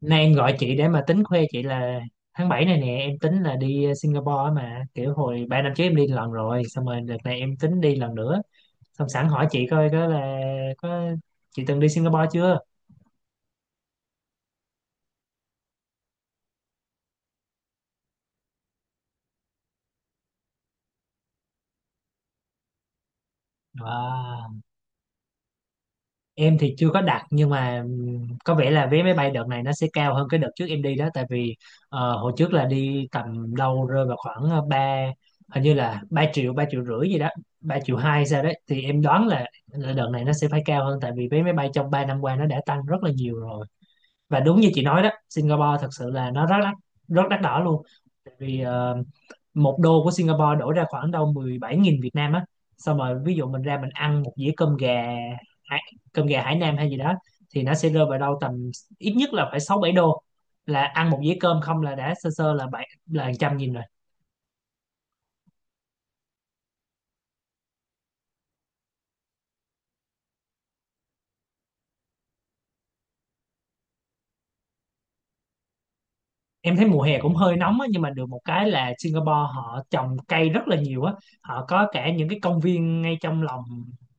Nay em gọi chị để mà tính khoe chị là tháng 7 này nè em tính là đi Singapore á, mà kiểu hồi 3 năm trước em đi lần rồi, xong rồi đợt này em tính đi lần nữa, xong sẵn hỏi chị coi có chị từng đi Singapore chưa. Wow. Em thì chưa có đặt, nhưng mà có vẻ là vé máy bay đợt này nó sẽ cao hơn cái đợt trước em đi đó, tại vì hồi trước là đi tầm đâu rơi vào khoảng ba, hình như là 3 triệu, 3 triệu rưỡi gì đó, 3 triệu hai sao đấy. Thì em đoán là đợt này nó sẽ phải cao hơn, tại vì vé máy bay trong 3 năm qua nó đã tăng rất là nhiều rồi. Và đúng như chị nói đó, Singapore thật sự là nó rất đắt, rất đắt đỏ luôn. Tại vì một đô của Singapore đổi ra khoảng đâu 17.000 Việt Nam á. Xong rồi ví dụ mình ra mình ăn một dĩa cơm gà, hải- cơm gà Hải Nam hay gì đó, thì nó sẽ rơi vào đâu tầm ít nhất là phải 6 7 đô, là ăn một dĩa cơm không là đã sơ sơ là bảy là trăm nghìn rồi. Em thấy mùa hè cũng hơi nóng á, nhưng mà được một cái là Singapore họ trồng cây rất là nhiều á, họ có cả những cái công viên ngay trong lòng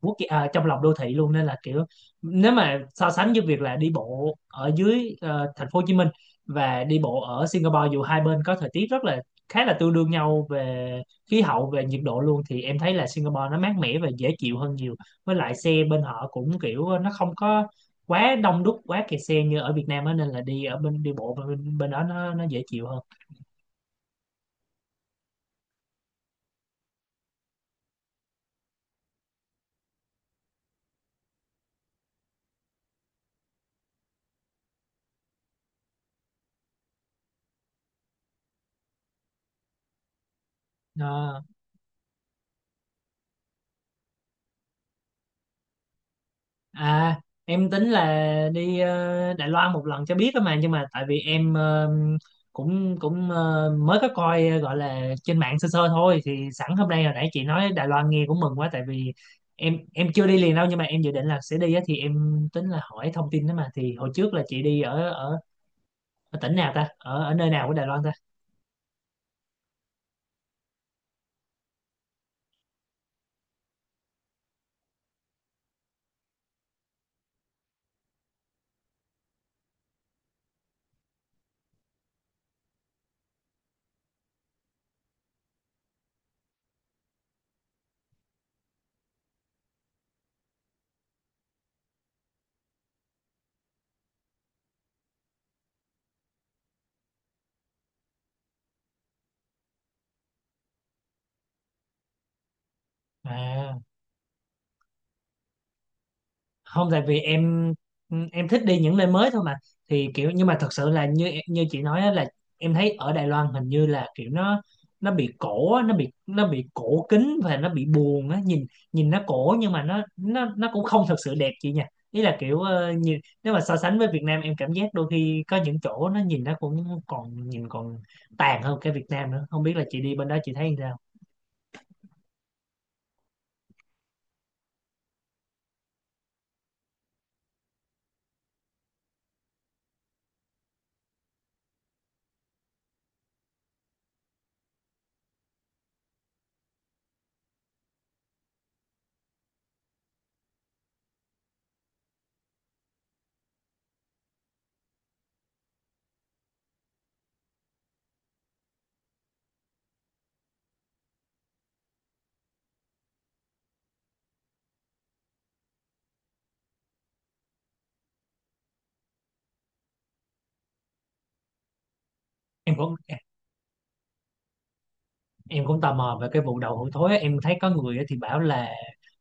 trong lòng đô thị luôn, nên là kiểu nếu mà so sánh với việc là đi bộ ở dưới thành phố Hồ Chí Minh và đi bộ ở Singapore, dù hai bên có thời tiết rất là, khá là tương đương nhau về khí hậu, về nhiệt độ luôn, thì em thấy là Singapore nó mát mẻ và dễ chịu hơn nhiều. Với lại xe bên họ cũng kiểu nó không có quá đông đúc, quá kẹt xe như ở Việt Nam á, nên là đi ở bên đi bộ bên đó nó dễ chịu hơn. Nó- À, em tính là đi Đài Loan một lần cho biết á mà, nhưng mà tại vì em cũng cũng mới có coi gọi là trên mạng sơ sơ thôi, thì sẵn hôm nay hồi nãy chị nói Đài Loan nghe cũng mừng quá. Tại vì em chưa đi liền đâu, nhưng mà em dự định là sẽ đi á, thì em tính là hỏi thông tin đó mà. Thì hồi trước là chị đi ở ở, ở tỉnh nào ta, ở ở nơi nào của Đài Loan ta? À, không, tại vì em thích đi những nơi mới thôi mà. Thì kiểu nhưng mà thật sự là như như chị nói á, là em thấy ở Đài Loan hình như là kiểu nó bị cổ á, nó bị cổ kính và nó bị buồn á, nhìn, nhìn nó cổ nhưng mà nó cũng không thật sự đẹp chị nha. Ý là kiểu nhìn, nếu mà so sánh với Việt Nam em cảm giác đôi khi có những chỗ nó nhìn nó cũng còn nhìn còn tàn hơn cái Việt Nam nữa, không biết là chị đi bên đó chị thấy sao. Em cũng em cũng tò mò về cái vụ đậu hũ thối á. Em thấy có người á thì bảo là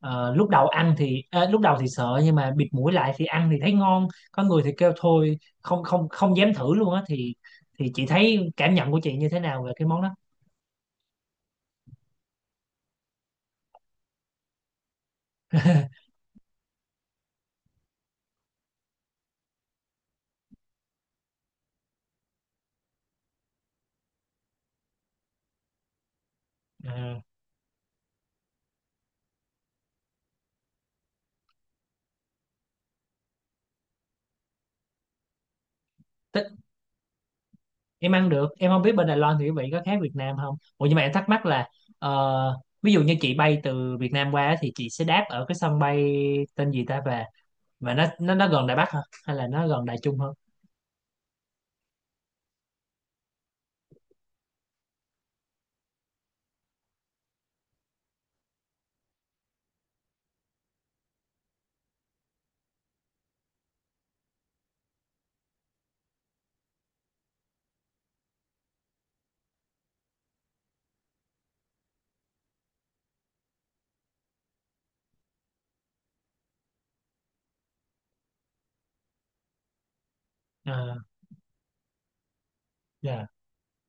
lúc đầu ăn thì lúc đầu thì sợ, nhưng mà bịt mũi lại thì ăn thì thấy ngon, có người thì kêu thôi không không không dám thử luôn á, thì chị thấy cảm nhận của chị như thế nào về cái món đó? Ừ. Tức, em ăn được, em không biết bên Đài Loan thì quý vị có khác Việt Nam không. Ủa, nhưng mà em thắc mắc là ờ, ví dụ như chị bay từ Việt Nam qua á thì chị sẽ đáp ở cái sân bay tên gì ta về, mà nó gần Đài Bắc hả, hay là nó gần Đài Trung hơn? Ờ, dạ.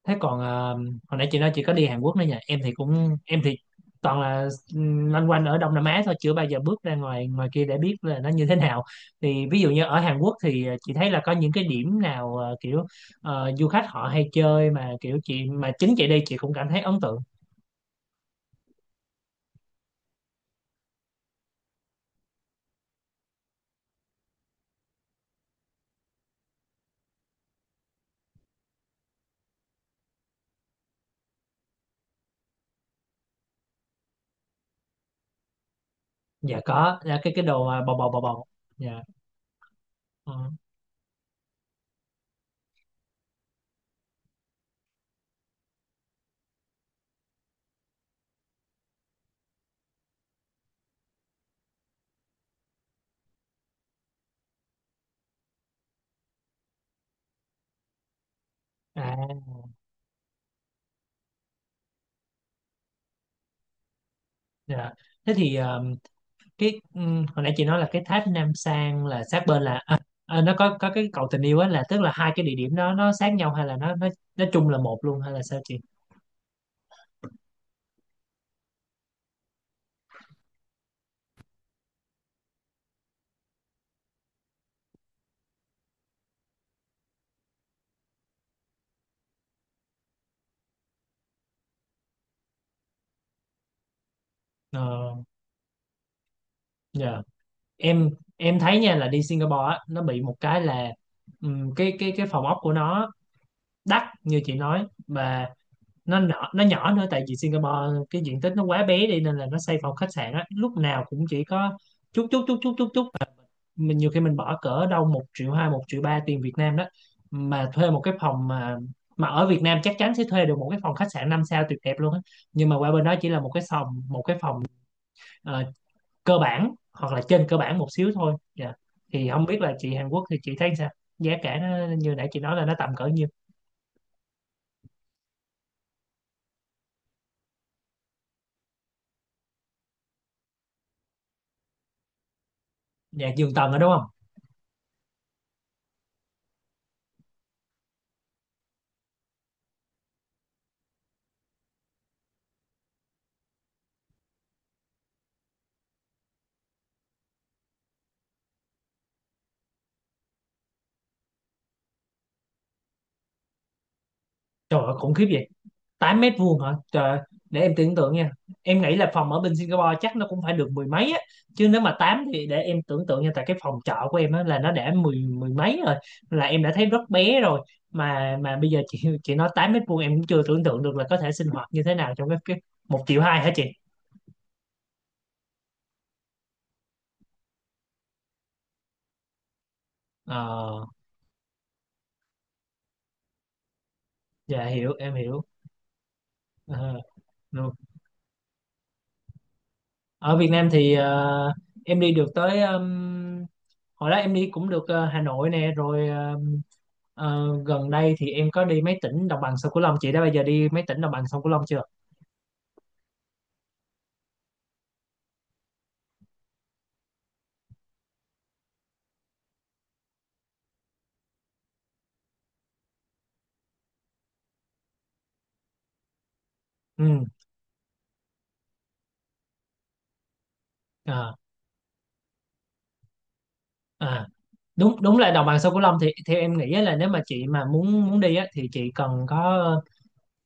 Thế còn hồi nãy chị nói chị có đi Hàn Quốc nữa nhỉ, em thì cũng em thì toàn là loanh quanh ở Đông Nam Á thôi, chưa bao giờ bước ra ngoài ngoài kia để biết là nó như thế nào. Thì ví dụ như ở Hàn Quốc thì chị thấy là có những cái điểm nào kiểu du khách họ hay chơi mà kiểu chị mà chính chị đi chị cũng cảm thấy ấn tượng? Dạ có, dạ, cái đồ bò bò bò bò. Dạ. Ừ. À. Dạ. Thế thì cái hồi nãy chị nói là cái tháp Nam Sang là sát bên là à, à, nó có cái cầu tình yêu á, là tức là hai cái địa điểm đó nó sát nhau hay là nó chung là một luôn, hay là sao chị? Ờ, dạ. Em em thấy nha là đi Singapore á nó bị một cái là cái phòng ốc của nó đắt như chị nói, và nó nhỏ, nó nhỏ nữa. Tại vì Singapore cái diện tích nó quá bé đi nên là nó xây phòng khách sạn á lúc nào cũng chỉ có chút chút chút chút chút chút, mình nhiều khi mình bỏ cỡ đâu một triệu hai, một triệu ba tiền Việt Nam đó mà thuê một cái phòng, mà ở Việt Nam chắc chắn sẽ thuê được một cái phòng khách sạn 5 sao tuyệt đẹp luôn á, nhưng mà qua bên đó chỉ là một cái phòng, một cái phòng ờ, cơ bản hoặc là trên cơ bản một xíu thôi. Dạ, thì không biết là chị Hàn Quốc thì chị thấy sao, giá cả nó như nãy chị nói là nó tầm cỡ nhiêu. Dạ giường tầng đó đúng không? Trời ơi khủng khiếp vậy. Tám mét vuông hả? Trời, để em tưởng tượng nha. Em nghĩ là phòng ở bên Singapore chắc nó cũng phải được mười mấy á. Chứ nếu mà 8 thì để em tưởng tượng nha. Tại cái phòng trọ của em á là nó đã mười mười mấy rồi. Là em đã thấy rất bé rồi. Mà bây giờ chị nói 8 mét vuông em cũng chưa tưởng tượng được là có thể sinh hoạt như thế nào trong cái một triệu hai hả chị? Ờ, dạ hiểu, em hiểu. Ờ, được. Ở Việt Nam thì em đi được tới hồi đó em đi cũng được Hà Nội nè, rồi gần đây thì em có đi mấy tỉnh đồng bằng sông Cửu Long. Chị đã bao giờ đi mấy tỉnh đồng bằng sông Cửu Long chưa? Ừ. À, à. Đúng đúng là đồng bằng sông Cửu Long thì theo em nghĩ á là nếu mà chị mà muốn muốn đi á thì chị cần có,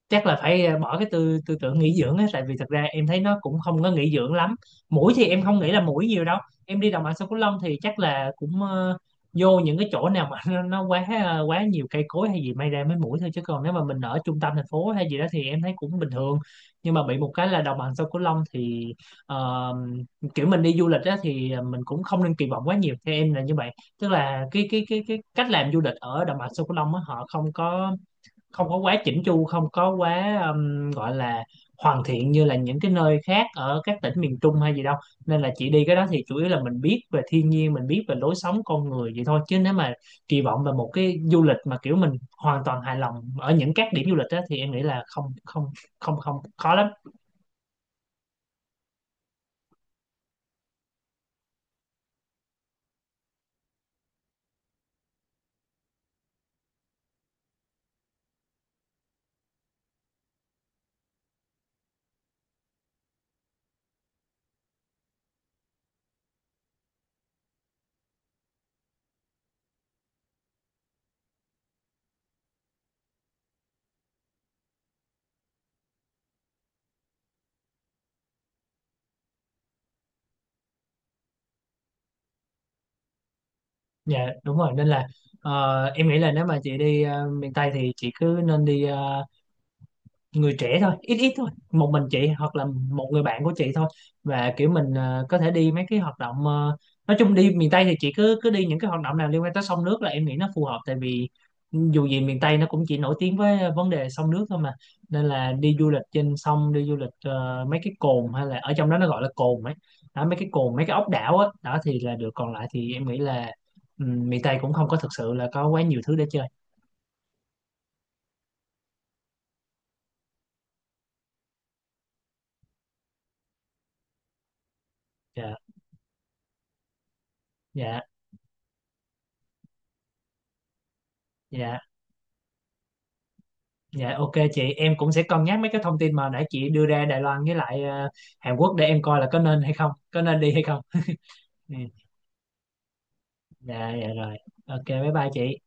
chắc là phải bỏ cái tư tư tưởng nghỉ dưỡng á, tại vì thật ra em thấy nó cũng không có nghỉ dưỡng lắm. Mũi thì em không nghĩ là mũi nhiều đâu, em đi đồng bằng sông Cửu Long thì chắc là cũng vô những cái chỗ nào mà nó quá quá nhiều cây cối hay gì may ra mới mũi thôi, chứ còn nếu mà mình ở trung tâm thành phố hay gì đó thì em thấy cũng bình thường. Nhưng mà bị một cái là đồng bằng sông Cửu Long thì ờ, kiểu mình đi du lịch á thì mình cũng không nên kỳ vọng quá nhiều, theo em là như vậy. Tức là cái cách làm du lịch ở đồng bằng sông Cửu Long á họ không có, không có quá chỉnh chu, không có quá gọi là hoàn thiện như là những cái nơi khác ở các tỉnh miền Trung hay gì đâu. Nên là chị đi cái đó thì chủ yếu là mình biết về thiên nhiên, mình biết về lối sống con người vậy thôi, chứ nếu mà kỳ vọng về một cái du lịch mà kiểu mình hoàn toàn hài lòng ở những các điểm du lịch đó, thì em nghĩ là không không không không khó lắm. Dạ đúng rồi, nên là em nghĩ là nếu mà chị đi miền Tây thì chị cứ nên đi người trẻ thôi, ít ít thôi, một mình chị hoặc là một người bạn của chị thôi. Và kiểu mình có thể đi mấy cái hoạt động nói chung đi miền Tây thì chị cứ cứ đi những cái hoạt động nào liên quan tới sông nước là em nghĩ nó phù hợp. Tại vì dù gì miền Tây nó cũng chỉ nổi tiếng với vấn đề sông nước thôi mà, nên là đi du lịch trên sông, đi du lịch mấy cái cồn hay là ở trong đó nó gọi là cồn ấy đó, mấy cái cồn, mấy cái ốc đảo á đó thì là được, còn lại thì em nghĩ là ừ, miền Tây cũng không có thực sự là có quá nhiều thứ để chơi. Dạ. Dạ. Dạ. Dạ ok chị, em cũng sẽ cân nhắc mấy cái thông tin mà nãy chị đưa ra Đài Loan, với lại Hàn Quốc, để em coi là có nên hay không, có nên đi hay không. Ừ. Dạ dạ rồi. Ok bye bye chị.